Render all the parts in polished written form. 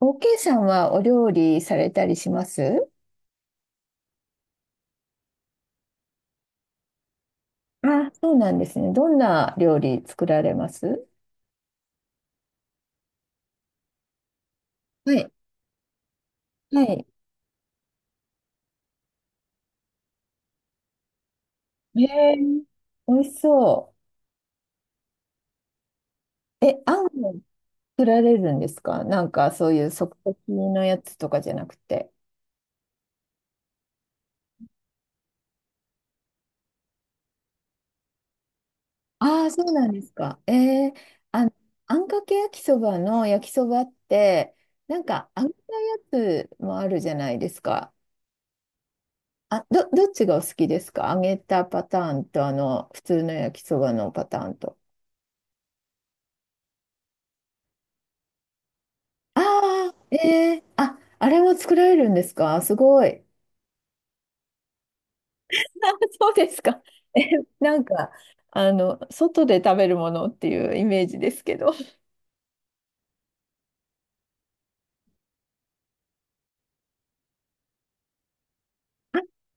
OK さんはお料理されたりします？あ、そうなんですね。どんな料理作られます？はい。はい。えー、美味しそう。え、あんを作られるんですか？なんかそういう即席のやつとかじゃなくて。ああ、そうなんですか。あ、あんかけ焼きそばの焼きそばって、なんか揚げたやつもあるじゃないですか。あ、どっちがお好きですか？揚げたパターンと、普通の焼きそばのパターンと。ああ、あ、あれも作られるんですか？すごい。あ、そうですか。え、なんか、外で食べるものっていうイメージですけど。あ、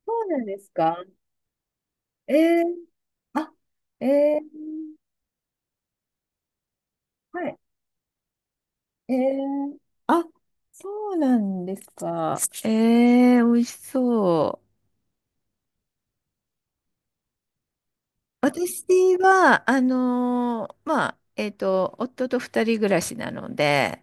そうなんですか？えー、あ、えー、はい。えー、あ、そうなんですか。えー、美味しそう。私は、まあ、夫と二人暮らしなので、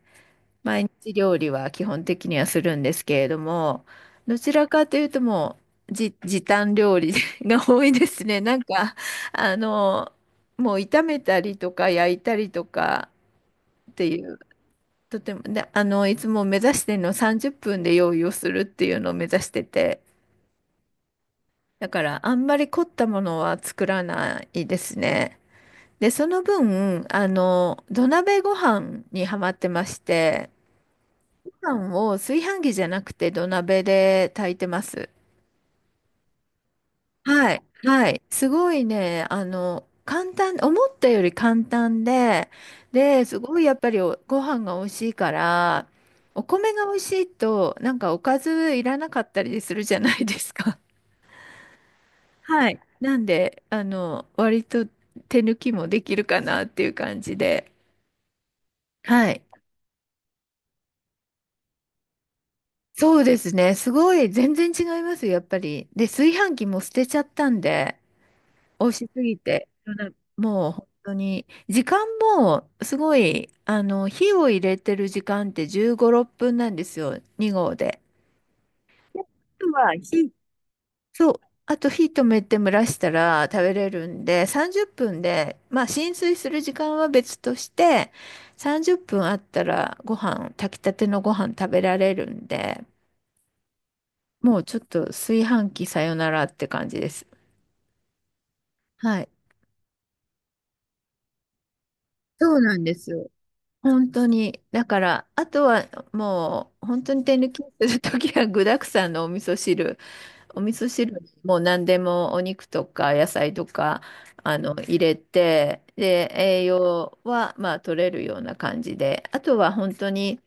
毎日料理は基本的にはするんですけれども、どちらかというともう、じ、時短料理 が多いですね。なんか、あの、もう炒めたりとか焼いたりとかっていう、とても、で、いつも目指してるの30分で用意をするっていうのを目指してて、だからあんまり凝ったものは作らないですね。で、その分、土鍋ご飯にハマってまして、ご飯を炊飯器じゃなくて土鍋で炊いてます。はい。はい。すごいね、簡単、思ったより簡単で、で、すごいやっぱりおご飯が美味しいから、お米が美味しいと、なんかおかずいらなかったりするじゃないですか。はい。なんで、割と手抜きもできるかなっていう感じで。はい。そうですね。すごい、全然違いますよ、やっぱり。で、炊飯器も捨てちゃったんで。美味しすぎて、もう本当に、時間もすごい、火を入れてる時間って15、6分なんですよ、2合で。であとは火、そう、あと火止めて蒸らしたら食べれるんで、30分で、まあ浸水する時間は別として、30分あったら炊きたてのご飯食べられるんで、もうちょっと炊飯器さよならって感じです。はい。そうなんですよ。本当に。だから、あとはもう、本当に手抜きするときは具沢山のお味噌汁。お味噌汁にもう何でもお肉とか野菜とか、入れて、で、栄養は、まあ、取れるような感じで。あとは本当に、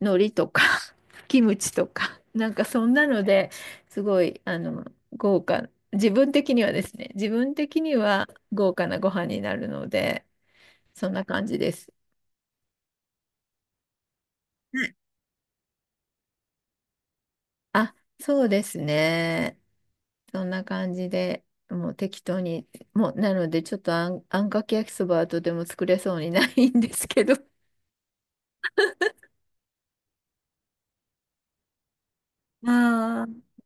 海苔とか キムチとか、なんかそんなのですごい、豪華。自分的にはですね、自分的には豪華なご飯になるので、そんな感じです。あ、そうですね。そんな感じで、もう適当に、もう、なので、ちょっとあんかけ焼きそばはとても作れそうにないんですけど。あー、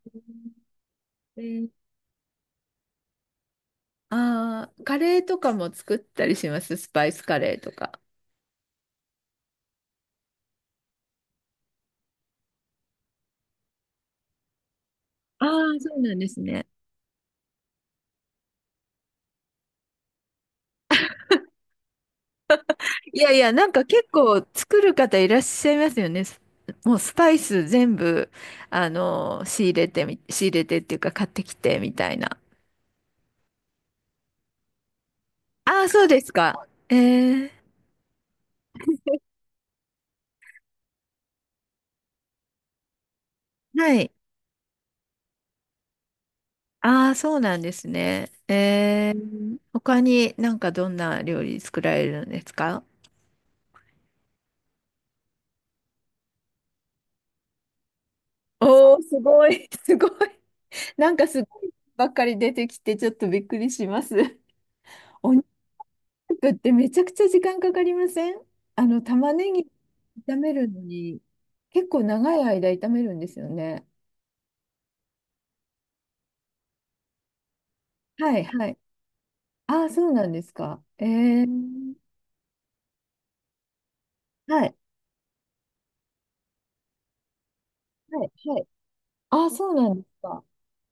ああ、カレーとかも作ったりします。スパイスカレーとか。ああ、そうなんですね。いやいや、なんか結構作る方いらっしゃいますよね。すもうスパイス全部、あの、仕入れてっていうか買ってきてみたいな。ああ、そうですか。ええ、はい。ああ、そうなんですね。他になんかどんな料理作られるんですか？おお、すごい、すごい。なんかすごいばっかり出てきて、ちょっとびっくりします。お肉ってめちゃくちゃ時間かかりません？玉ねぎ炒めるのに、結構長い間炒めるんですよね。はい、はい。ああ、そうなんですか。はい、はい、はい。ああ、そうなんですか。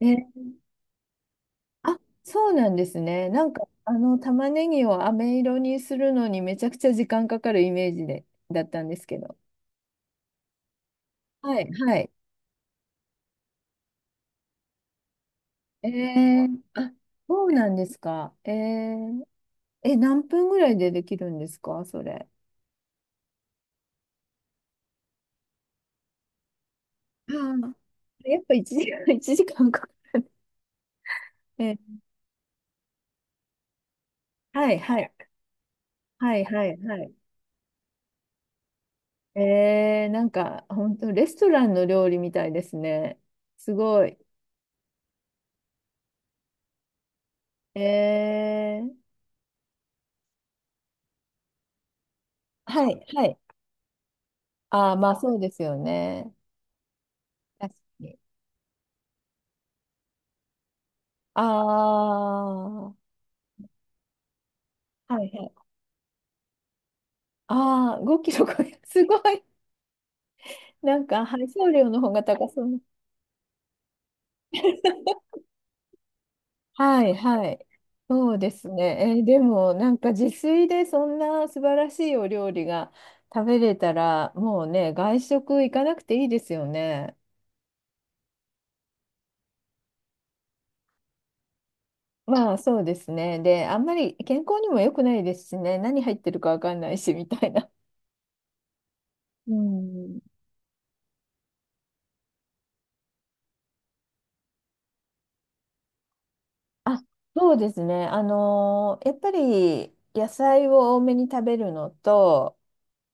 えーあ、そうなんですね。なんか、玉ねぎを飴色にするのにめちゃくちゃ時間かかるイメージで、だったんですけど。はい、はい。あ、そうなんですか。えー、え、何分ぐらいでできるんですか、それ。あー、 やっぱ1時間、1時間かんかかる。はい、はい、はい、はい、はい。えー、なんか、本当レストランの料理みたいですね。すごい。えー、はい、はい。ああ、まあそうですよね。確かに。ああ、はいはい。ああ、5キロ50すごい。なんか配送料の方が高そう。はいはい。そうですね。でもなんか自炊でそんな素晴らしいお料理が食べれたらもうね、外食行かなくていいですよね。まあそうですね。で、あんまり健康にも良くないですしね。何入ってるかわかんないしみたいな。うん。あ、そうですね。やっぱり野菜を多めに食べるのと、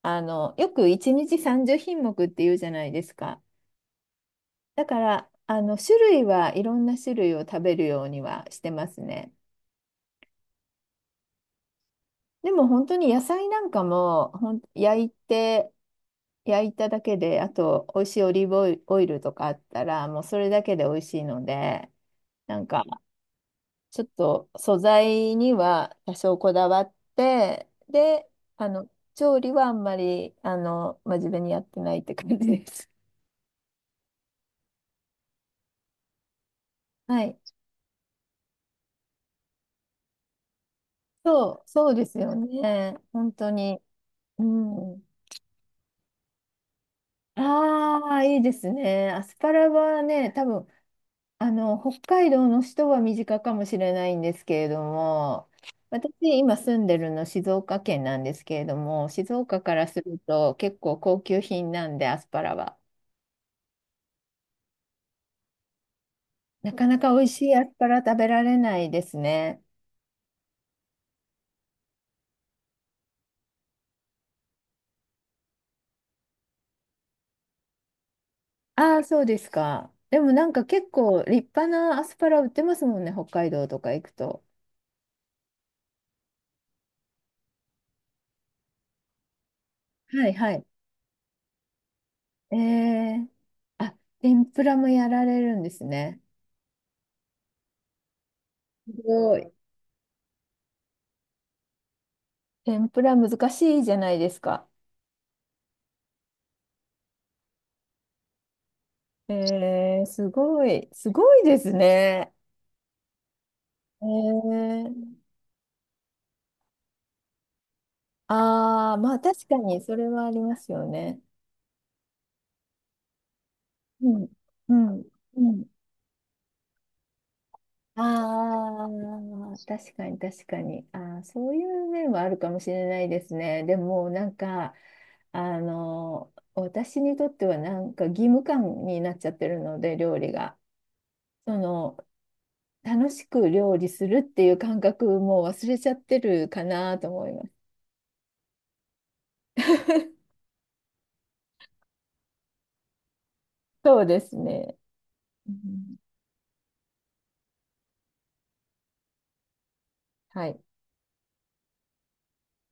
よく1日30品目っていうじゃないですか。だから、種類はいろんな種類を食べるようにはしてますね。でも本当に野菜なんかも、焼いただけで、あと、美味しいオリーブオイルとかあったら、もうそれだけで美味しいので、なんか、ちょっと素材には多少こだわって、で、あの、調理はあんまり、真面目にやってないって感じです。はい。そう、そうですよね。本当に。うん。ああ、いいですね。アスパラはね、多分、北海道の人は身近かもしれないんですけれども、私、今住んでるの静岡県なんですけれども、静岡からすると結構高級品なんで、アスパラは。なかなか美味しいアスパラ食べられないですね。ああ、そうですか。でもなんか結構立派なアスパラ売ってますもんね、北海道とか行くと。はいはい。えー、あ、天ぷらもやられるんですね。すごい。天ぷら難しいじゃないですか。えー、すごい。すごいですね。えー、ああ、まあ確かにそれはありますよね。うん。うん。うん。ああ、確かに確かに。ああ、そういう面はあるかもしれないですね。でも、なんか、私にとってはなんか義務感になっちゃってるので、料理が。その、楽しく料理するっていう感覚もう忘れちゃってるかなと思います。そうですね。うん。はい。